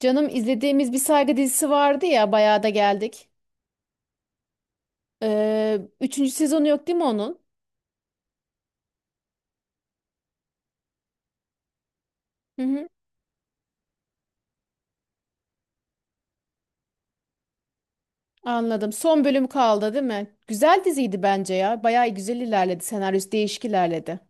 Canım izlediğimiz bir saygı dizisi vardı ya bayağı da geldik. Üçüncü sezonu yok değil mi onun? Hı hı, anladım. Son bölüm kaldı değil mi? Güzel diziydi bence ya. Bayağı güzel ilerledi. Senaryosu değişik ilerledi.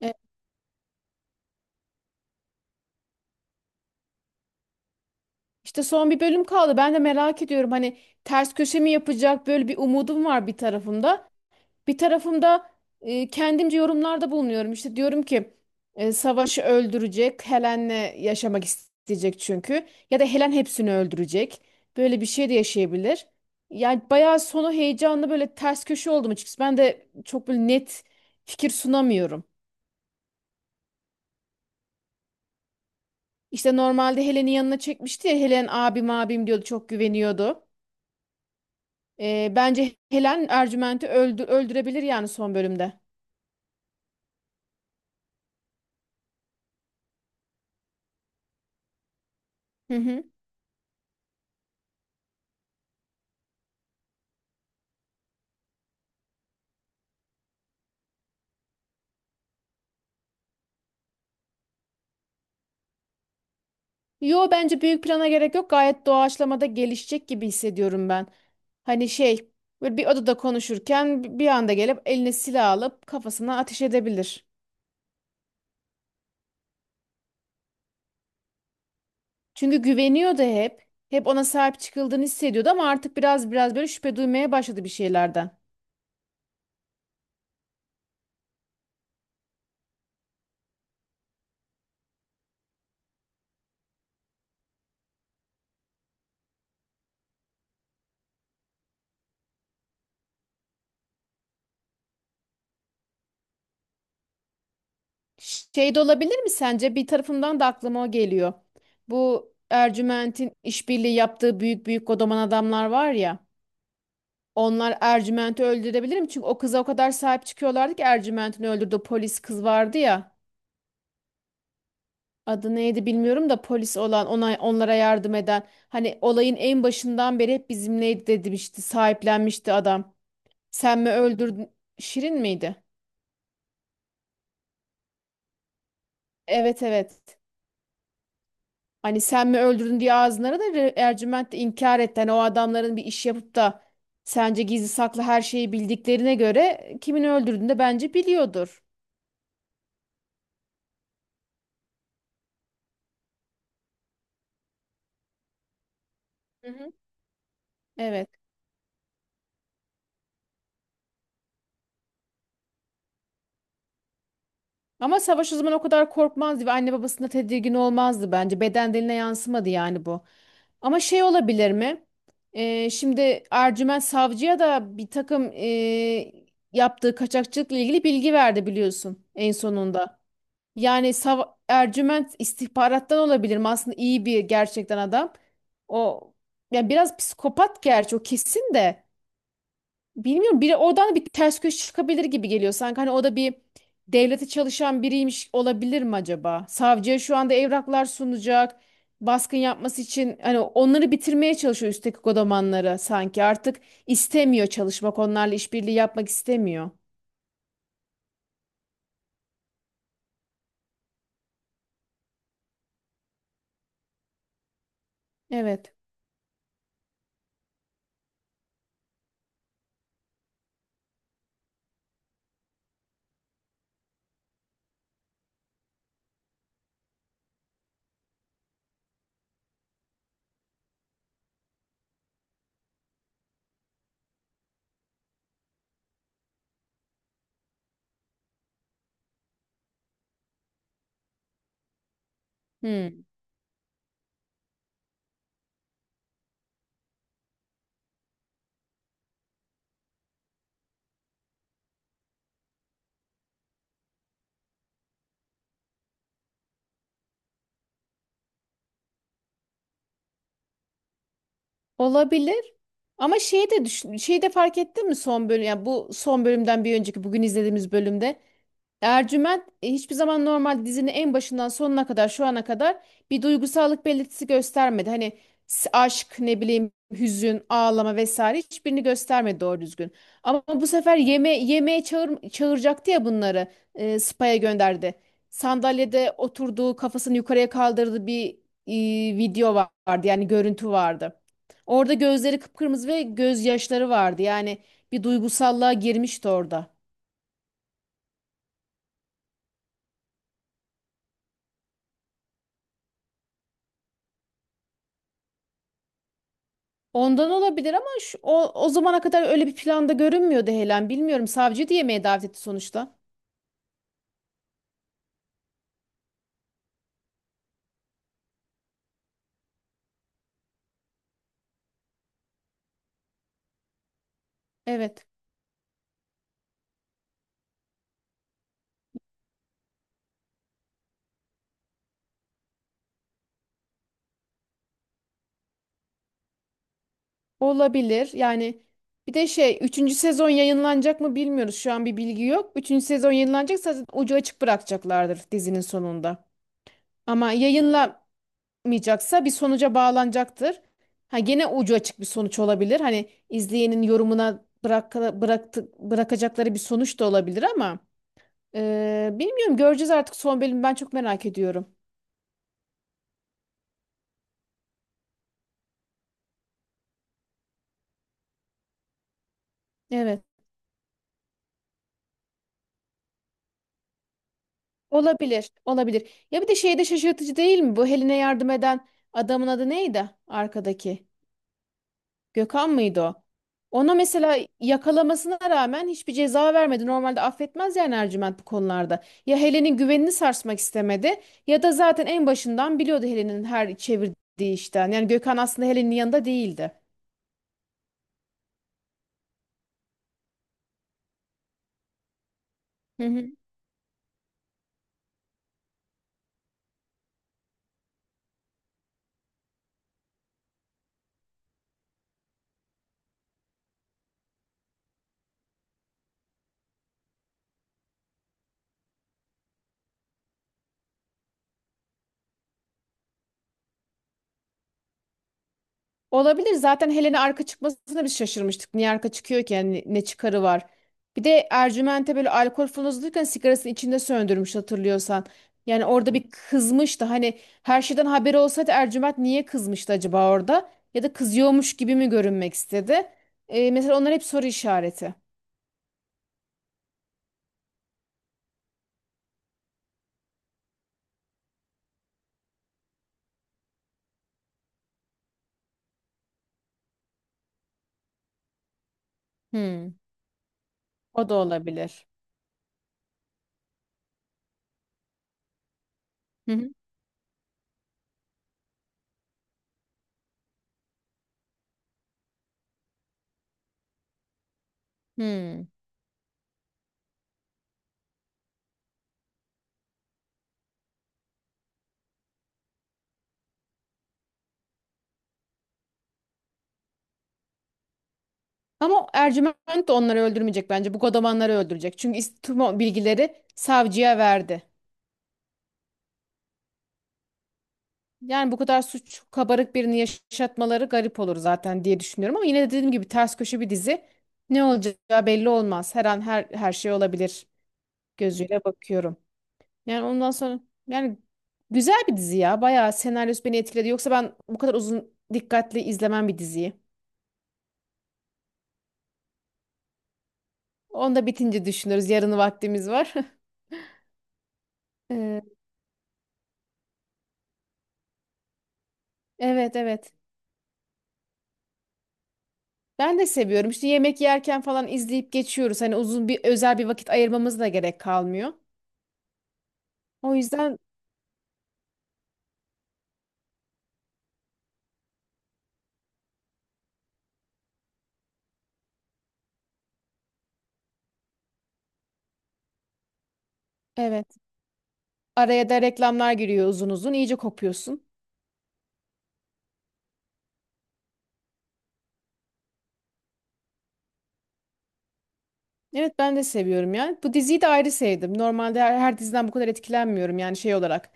E, İşte son bir bölüm kaldı. Ben de merak ediyorum. Hani ters köşe mi yapacak? Böyle bir umudum var bir tarafımda. Bir tarafımda kendimce yorumlarda bulunuyorum. İşte diyorum ki savaşı öldürecek, Helen'le yaşamak isteyecek çünkü. Ya da Helen hepsini öldürecek. Böyle bir şey de yaşayabilir. Yani bayağı sonu heyecanlı, böyle ters köşe oldum açıkçası. Ben de çok böyle net fikir sunamıyorum. İşte normalde Helen'in yanına çekmişti ya, Helen abim abim diyordu, çok güveniyordu. Bence Helen Ercüment'i öldürebilir yani son bölümde. Hı hı. Yo, bence büyük plana gerek yok. Gayet doğaçlamada gelişecek gibi hissediyorum ben. Hani şey, böyle bir odada konuşurken bir anda gelip eline silah alıp kafasına ateş edebilir. Çünkü güveniyordu hep. Hep ona sahip çıkıldığını hissediyordu ama artık biraz böyle şüphe duymaya başladı bir şeylerden. Şey de olabilir mi sence? Bir tarafımdan da aklıma o geliyor. Bu Ercüment'in işbirliği yaptığı büyük büyük kodoman adamlar var ya. Onlar Ercüment'i öldürebilirim. Çünkü o kıza o kadar sahip çıkıyorlardı ki, Ercüment'in öldürdüğü polis kız vardı ya. Adı neydi bilmiyorum da, polis olan ona, onlara yardım eden. Hani olayın en başından beri hep bizimleydi demişti. Sahiplenmişti adam. Sen mi öldürdün? Şirin miydi? Evet, evet. Hani sen mi öldürdün diye ağzınlara da Ercüment de inkar etti. Hani o adamların bir iş yapıp da, sence gizli saklı her şeyi bildiklerine göre kimin öldürdüğünü de bence biliyordur. Hı hı. Evet. Ama savaş o zaman o kadar korkmazdı ve anne babasına tedirgin olmazdı bence. Beden diline yansımadı yani bu. Ama şey olabilir mi? Şimdi Ercüment Savcı'ya da bir takım yaptığı kaçakçılıkla ilgili bilgi verdi biliyorsun en sonunda. Yani Ercüment istihbarattan olabilir mi? Aslında iyi bir, gerçekten adam. O, yani biraz psikopat gerçi o kesin de. Bilmiyorum, biri oradan da bir ters köşe çıkabilir gibi geliyor. Sanki hani o da bir devlete çalışan biriymiş olabilir mi acaba? Savcıya şu anda evraklar sunacak. Baskın yapması için, hani onları bitirmeye çalışıyor üstteki kodamanları sanki. Artık istemiyor çalışmak. Onlarla işbirliği yapmak istemiyor. Evet. Hmm. Olabilir. Ama şeyi de düşün, şeyi de fark ettin mi? Son bölüm yani bu son bölümden bir önceki bugün izlediğimiz bölümde, Ercüment hiçbir zaman, normal dizinin en başından sonuna kadar şu ana kadar bir duygusallık belirtisi göstermedi. Hani aşk, ne bileyim, hüzün, ağlama vesaire hiçbirini göstermedi doğru düzgün. Ama bu sefer yeme yemeğe çağıracaktı ya bunları. Spa'ya gönderdi. Sandalyede oturduğu, kafasını yukarıya kaldırdığı bir video vardı. Yani görüntü vardı. Orada gözleri kıpkırmızı ve gözyaşları vardı. Yani bir duygusallığa girmişti orada. Ondan olabilir ama şu, o, o zamana kadar öyle bir planda görünmüyordu Helen. Bilmiyorum, savcı da yemeğe davet etti sonuçta. Evet, olabilir yani. Bir de şey, üçüncü sezon yayınlanacak mı bilmiyoruz, şu an bir bilgi yok. Üçüncü sezon yayınlanacaksa zaten ucu açık bırakacaklardır dizinin sonunda. Ama yayınlamayacaksa bir sonuca bağlanacaktır. Ha, gene ucu açık bir sonuç olabilir. Hani izleyenin yorumuna bırakacakları bir sonuç da olabilir ama. Bilmiyorum, göreceğiz artık. Son bölümü ben çok merak ediyorum. Evet. Olabilir. Olabilir. Ya bir de şeyde şaşırtıcı değil mi? Bu Helen'e yardım eden adamın adı neydi? Arkadaki. Gökhan mıydı o? Ona mesela yakalamasına rağmen hiçbir ceza vermedi. Normalde affetmez yani Ercüment bu konularda. Ya Helen'in güvenini sarsmak istemedi, ya da zaten en başından biliyordu Helen'in her çevirdiği işten. Yani Gökhan aslında Helen'in yanında değildi. Olabilir. Zaten Helen'e arka çıkmasına biz şaşırmıştık. Niye arka çıkıyor ki? Yani ne çıkarı var? Bir de Ercüment'e böyle alkol fırlatırken sigarasını içinde söndürmüş, hatırlıyorsan. Yani orada bir kızmıştı. Hani her şeyden haberi olsaydı Ercüment niye kızmıştı acaba orada? Ya da kızıyormuş gibi mi görünmek istedi? Mesela onlar hep soru işareti. Hmm. O da olabilir. Hı hı. Hmm. Ama Ercüment de onları öldürmeyecek bence. Bu godamanları öldürecek. Çünkü tüm o bilgileri savcıya verdi. Yani bu kadar suç kabarık birini yaşatmaları garip olur zaten diye düşünüyorum, ama yine de dediğim gibi ters köşe bir dizi. Ne olacağı belli olmaz. Her an her şey olabilir gözüyle bakıyorum. Yani ondan sonra, yani güzel bir dizi ya. Bayağı senaryosu beni etkiledi. Yoksa ben bu kadar uzun dikkatli izlemem bir diziyi. Onu da bitince düşünürüz. Yarını vaktimiz var. Ee, Evet, evet. Ben de seviyorum. İşte yemek yerken falan izleyip geçiyoruz. Hani uzun bir, özel bir vakit ayırmamız da gerek kalmıyor. O yüzden evet. Araya da reklamlar giriyor uzun uzun. İyice kopuyorsun. Evet, ben de seviyorum yani. Bu diziyi de ayrı sevdim. Normalde her diziden bu kadar etkilenmiyorum yani şey olarak.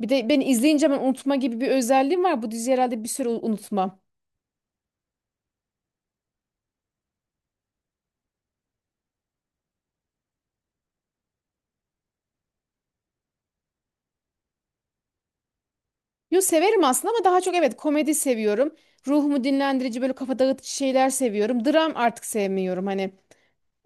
Bir de beni izleyince ben unutma gibi bir özelliğim var. Bu diziyi herhalde bir süre unutmam. Yo, severim aslında ama daha çok evet komedi seviyorum. Ruhumu dinlendirici böyle kafa dağıtıcı şeyler seviyorum. Dram artık sevmiyorum hani.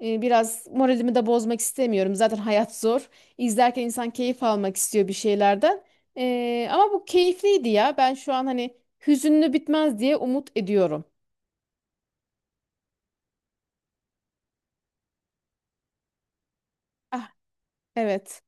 Biraz moralimi de bozmak istemiyorum. Zaten hayat zor. İzlerken insan keyif almak istiyor bir şeylerden. Ama bu keyifliydi ya. Ben şu an hani hüzünlü bitmez diye umut ediyorum. Ah, evet.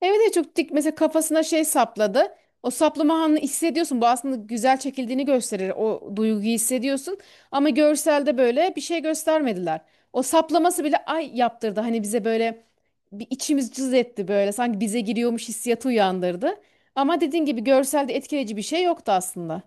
Evet, evet, çok dik mesela kafasına şey sapladı. O saplama anını hissediyorsun. Bu aslında güzel çekildiğini gösterir. O duyguyu hissediyorsun. Ama görselde böyle bir şey göstermediler. O saplaması bile ay yaptırdı. Hani bize böyle bir içimiz cız etti böyle. Sanki bize giriyormuş hissiyatı uyandırdı. Ama dediğin gibi görselde etkileyici bir şey yoktu aslında.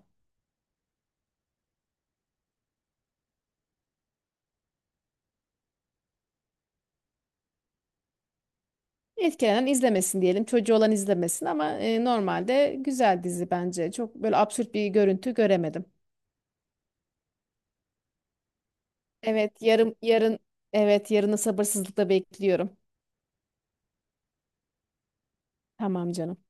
Etkilenen izlemesin diyelim. Çocuğu olan izlemesin ama normalde güzel dizi bence. Çok böyle absürt bir görüntü göremedim. Evet, yarın, evet, yarını sabırsızlıkla bekliyorum. Tamam canım.